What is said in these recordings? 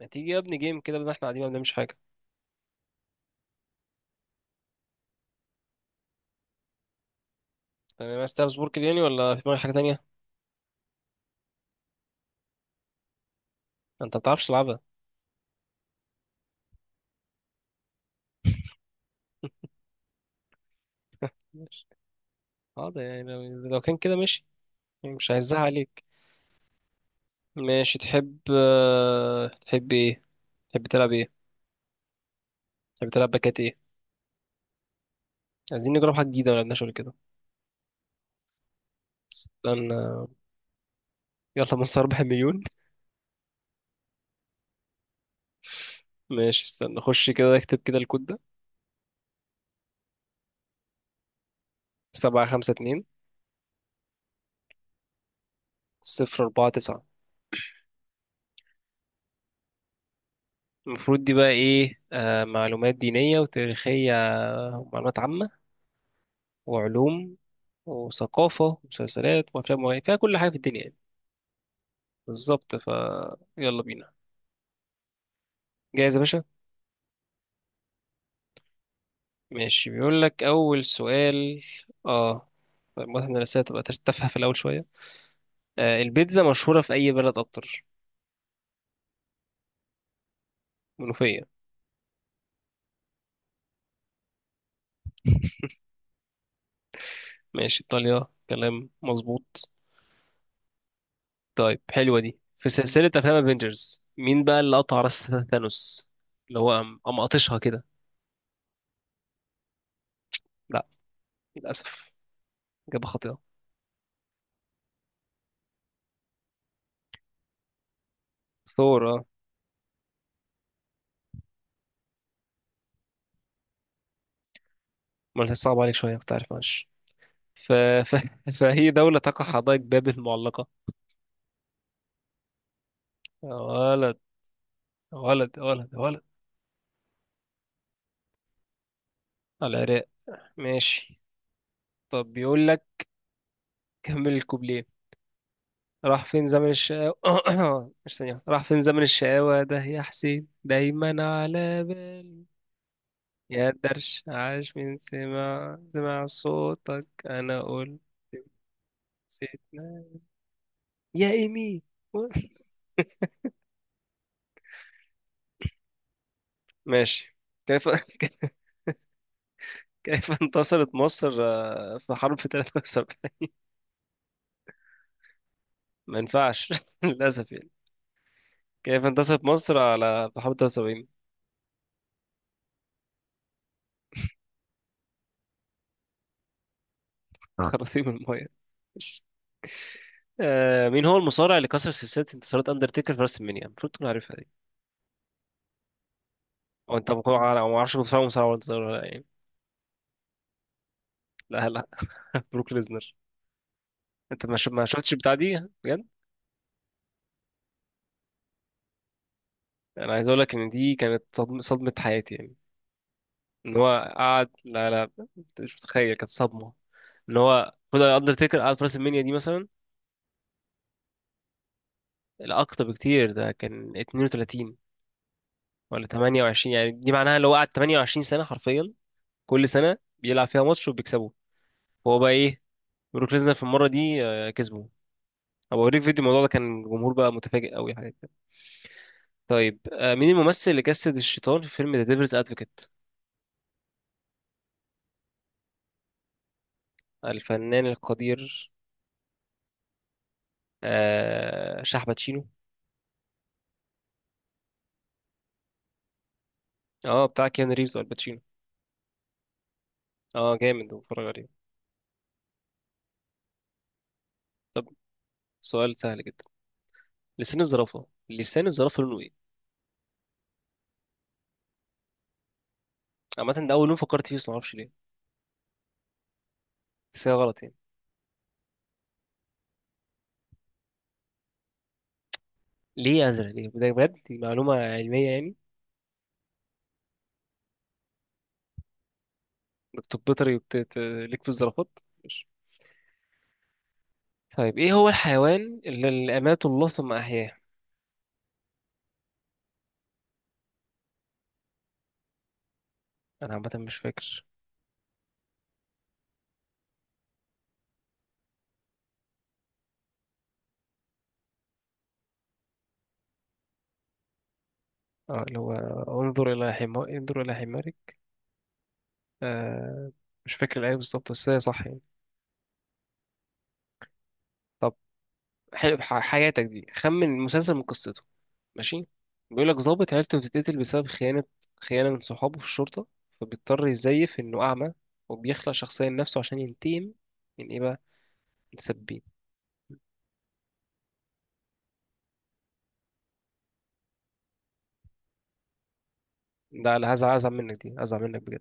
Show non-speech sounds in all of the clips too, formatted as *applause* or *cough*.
ما تيجي يا ابني جيم كده؟ بدل ما احنا قاعدين ما بنعملش حاجه. تمام، عايز تلعب سبورك يعني ولا في دماغك حاجه تانية؟ انت ما بتعرفش تلعبها. ماشي، حاضر يعني لو كان كده ماشي. مش عايزها عليك. ماشي، تحب تحب ايه؟ تحب تلعب ايه؟ تحب تلعب باكات ايه؟ عايزين نجرب حاجه جديده ما لعبناش قبل كده. استنى، يلا من 4 مليون. *laughs* ماشي، استنى خش كده اكتب كده الكود ده: 752049. المفروض دي بقى ايه؟ معلومات دينية وتاريخية، ومعلومات عامة، وعلوم، وثقافة، ومسلسلات، وأفلام، وغيرها، فيها كل حاجة في الدنيا يعني. بالظبط ف، يلا بينا. جاهز يا باشا؟ ماشي، بيقول لك أول سؤال. اه، طيب واضح إن الأسئلة تبقى تافهة في الأول شوية. آه، البيتزا مشهورة في أي بلد أكتر؟ منوفية. *laughs* ماشي، إيطاليا كلام مظبوط. طيب، حلوة دي، في سلسلة أفلام افنجرز مين بقى اللي قطع راس ثانوس؟ اللي هو قام قاطشها كده. لا، للأسف، إجابة خاطئة. ثور، اه. ما أنا صعب عليك شوية، كنت عارف، معلش. ف... ف... *laughs* فهي دولة تقع حدائق بابل المعلقة. ولد ولد ولد ولد، على العراق. ماشي. طب بيقول لك كمل الكوبليه: راح فين زمن الشقاوة *coughs* مش ثانية واحدة. راح فين زمن الشقاوة ده يا حسين، دايما على بالي. يا درش، عاش، من سمع صوتك أنا قلت نسيتنا، يا إيمي. *laughs* ماشي. كيف كيف انتصرت مصر في حرب في 73؟ ما ينفعش، *laughs* للأسف يعني. كيف انتصرت مصر على بحوالي 73؟ اه. *laughs* خراطيم المايه. آه، مين هو المصارع اللي كسر سلسلة انتصارات أندرتيكر في راس المنيا؟ المفروض تكون عارفها دي. أو أنت ممكن عارف، أو ما أعرفش، مصارع ولا انتصار ولا يعني. لا، لا. *laughs* بروك ليزنر. أنت ما شفتش البتاع دي بجد؟ أنا عايز أقول لك إن دي كانت صدمة حياتي يعني. إن هو قعد، لا لا، أنت مش متخيل، كانت صدمة. إن هو المفروض أندرتيكر قعد في راس المنيا دي مثلا الأكتر بكتير، ده كان 32 ولا 28، يعني دي معناها اللي هو قعد 28 سنة حرفيا، كل سنه بيلعب فيها ماتش وبيكسبه، فهو بقى ايه، بروك ليزنر في المره دي كسبه. هبقى اوريك فيديو الموضوع ده، كان الجمهور بقى متفاجئ قوي حاجه كده. طيب مين الممثل اللي جسد الشيطان في فيلم ذا ديفلز ادفوكيت؟ الفنان القدير، شاح باتشينو. اه، بتاع كيانو ريفز او الباتشينو. اه، جامد، بتفرج عليه. طب سؤال سهل جدا، لسان الزرافه لونه ايه؟ عامه، ده اول لون فكرت فيه بس معرفش ليه، بس هي غلط يعني. ليه ازرق؟ ليه ده بجد؟ دي معلومه علميه يعني. دكتور بيطري ليك في الزرافات. طيب ايه هو الحيوان اللي اماته الله ثم احياه؟ انا عامه مش فاكر. اه، اللي هو انظر الى حمار، انظر الى حمارك. آه، مش فاكر الايه بالظبط بس هي صح يعني. طب حلو، حياتك دي، خمن المسلسل من قصته. ماشي، بيقول لك ضابط عيلته بتتقتل بسبب خيانه، خيانه من صحابه في الشرطه، فبيضطر يزيف انه اعمى، وبيخلق شخصيه لنفسه عشان ينتقم من ايه بقى؟ متسبين. ده على هزعل، ازعل منك، دي ازعل منك بجد.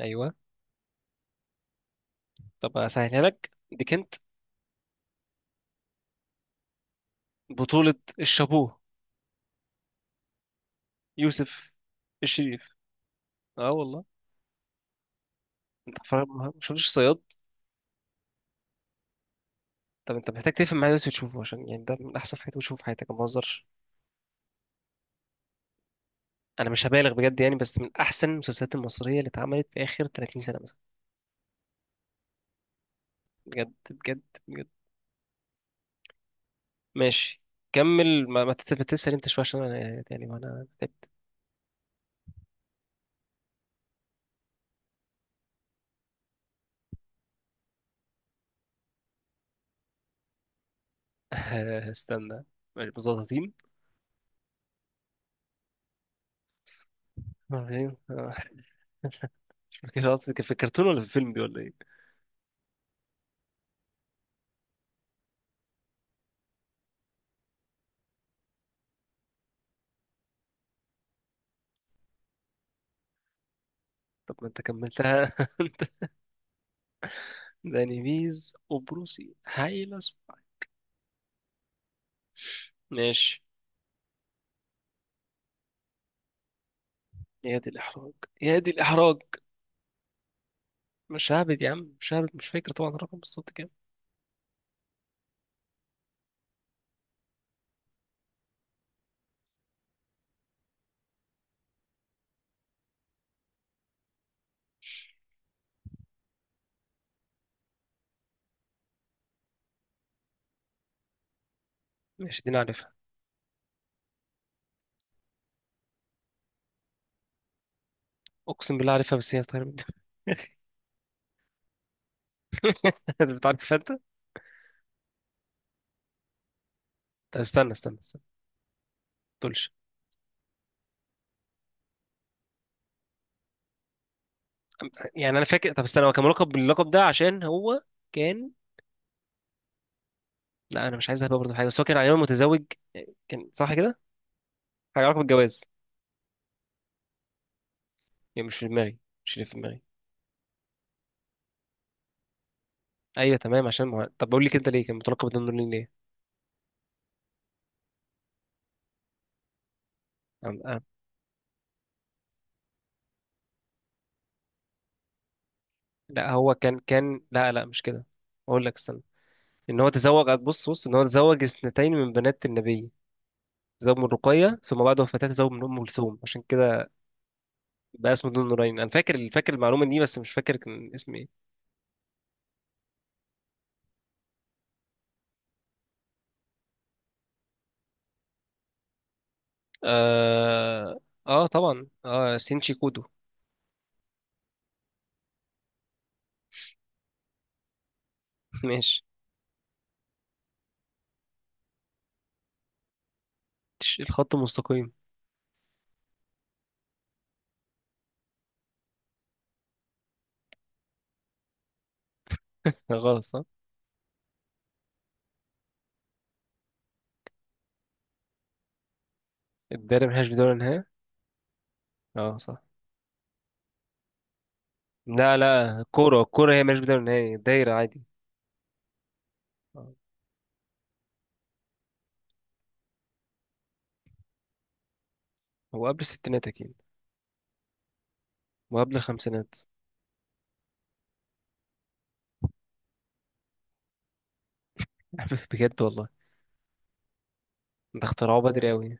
ايوه. طب اسهلها لك دي، كنت بطوله الشابوه يوسف الشريف. اه والله. انت فرق ما شفتش صياد؟ طب انت محتاج تفهم معايا دلوقتي وتشوفه، عشان يعني ده من احسن حاجات بتشوفها في حياتك، ما بهزرش. انا مش هبالغ بجد يعني، بس من احسن المسلسلات المصريه اللي اتعملت في اخر 30 سنه مثلا. بجد بجد بجد. ماشي، كمل ما, ما تت- تسأل انت شويه عشان انا يعني وانا تعبت. *laughs* استنى. ماشي، مظبطين *laughs* مش فاكر اصلا كان في الكرتون ولا في الفيلم دي ولا ايه. طب ما انت كملتها *laughs* انت، داني بيز وبروسي هايلة. ماشي. يا دي الإحراج، يا دي الإحراج. مش هعبد يا عم، مش هعبد، مش فاكر طبعا الرقم بالظبط كام. ماشي، دي أنا عارفها. أقسم بالله عارفها، بس هي طايرة من دماغي. *laughs* أنت بتعرفها أنت؟ طب استنى استنى استنى، ما تقولش. يعني أنا فاكر، طب استنى، هو كان ملقب باللقب ده عشان هو كان، لا، أنا مش عايز أهبها برضه في حاجة، بس هو كان على متزوج، كان صح كده؟ حاجة علاقة بالجواز. يعني مش في دماغي، مش اللي في دماغي. أيوه تمام، عشان ما... طب بقول لك أنت ليه كان متلقب بالنور ليه؟ أنا- أنا- لا هو كان لا لا مش كده، أقول لك استنى، ان هو تزوج، بص بص ان هو تزوج اثنتين من بنات النبي، تزوج من رقية ثم بعد وفاتها تزوج من ام كلثوم، عشان كده بقى اسمه ذو النورين، انا فاكر المعلومة دي بس مش فاكر كان اسم ايه. اه, آه طبعا، اه سينشي كودو. *laughs* ماشي. الخط المستقيم، غلط صح. الدايرة ملهاش بداية ولا نهاية. اه صح. لا لا، الكورة هي ملهاش بداية ولا نهاية، دايرة عادي. آه. هو قبل الستينات أكيد، وقبل الخمسينات. *laughs* بجد والله. ده اخترعوه بدري أوي.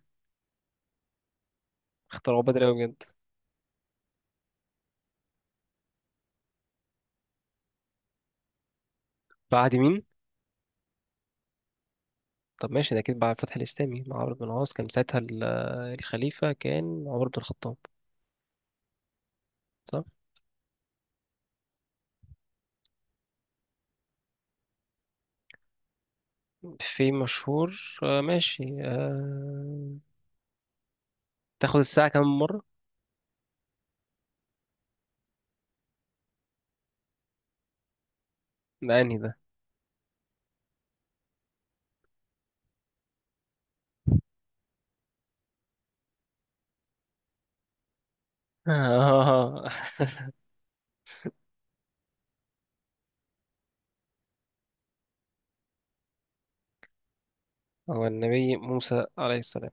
اخترعوه بدري أوي بجد. بعد مين؟ طب ماشي، ده أكيد بعد الفتح الإسلامي مع عمرو بن العاص، كان ساعتها الخليفة كان عمر بن الخطاب. صح؟ في مشهور، ماشي، آه... تاخد الساعة كم مرة؟ ده أنهي ده؟ *laughs* آه. هو النبي موسى عليه السلام.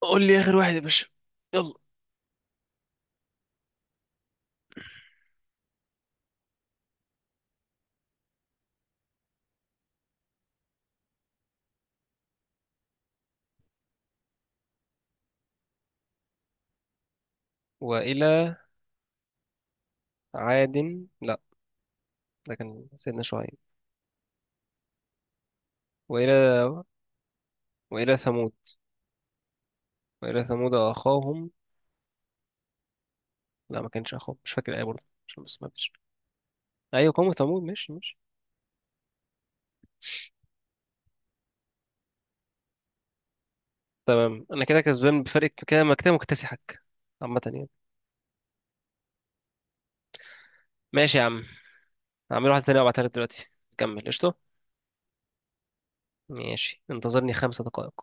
قول لي آخر واحد يا باشا. يلا. وإلى عاد، لا، ده كان سيدنا شعيب. وإلى وإلى ثمود. وإلى ثمود أخاهم. لا ما كانش أخاهم، مش فاكر الآية برضه عشان بس ما فيش. أيوة قوم ثمود، ماشي ماشي. تمام، انا كده كسبان بفرق كده، ما كده مكتسحك. عامة يعني. ماشي يا عم، هعمل واحدة تانية وابعتها لك دلوقتي. كمل قشطة. ماشي، انتظرني 5 دقائق.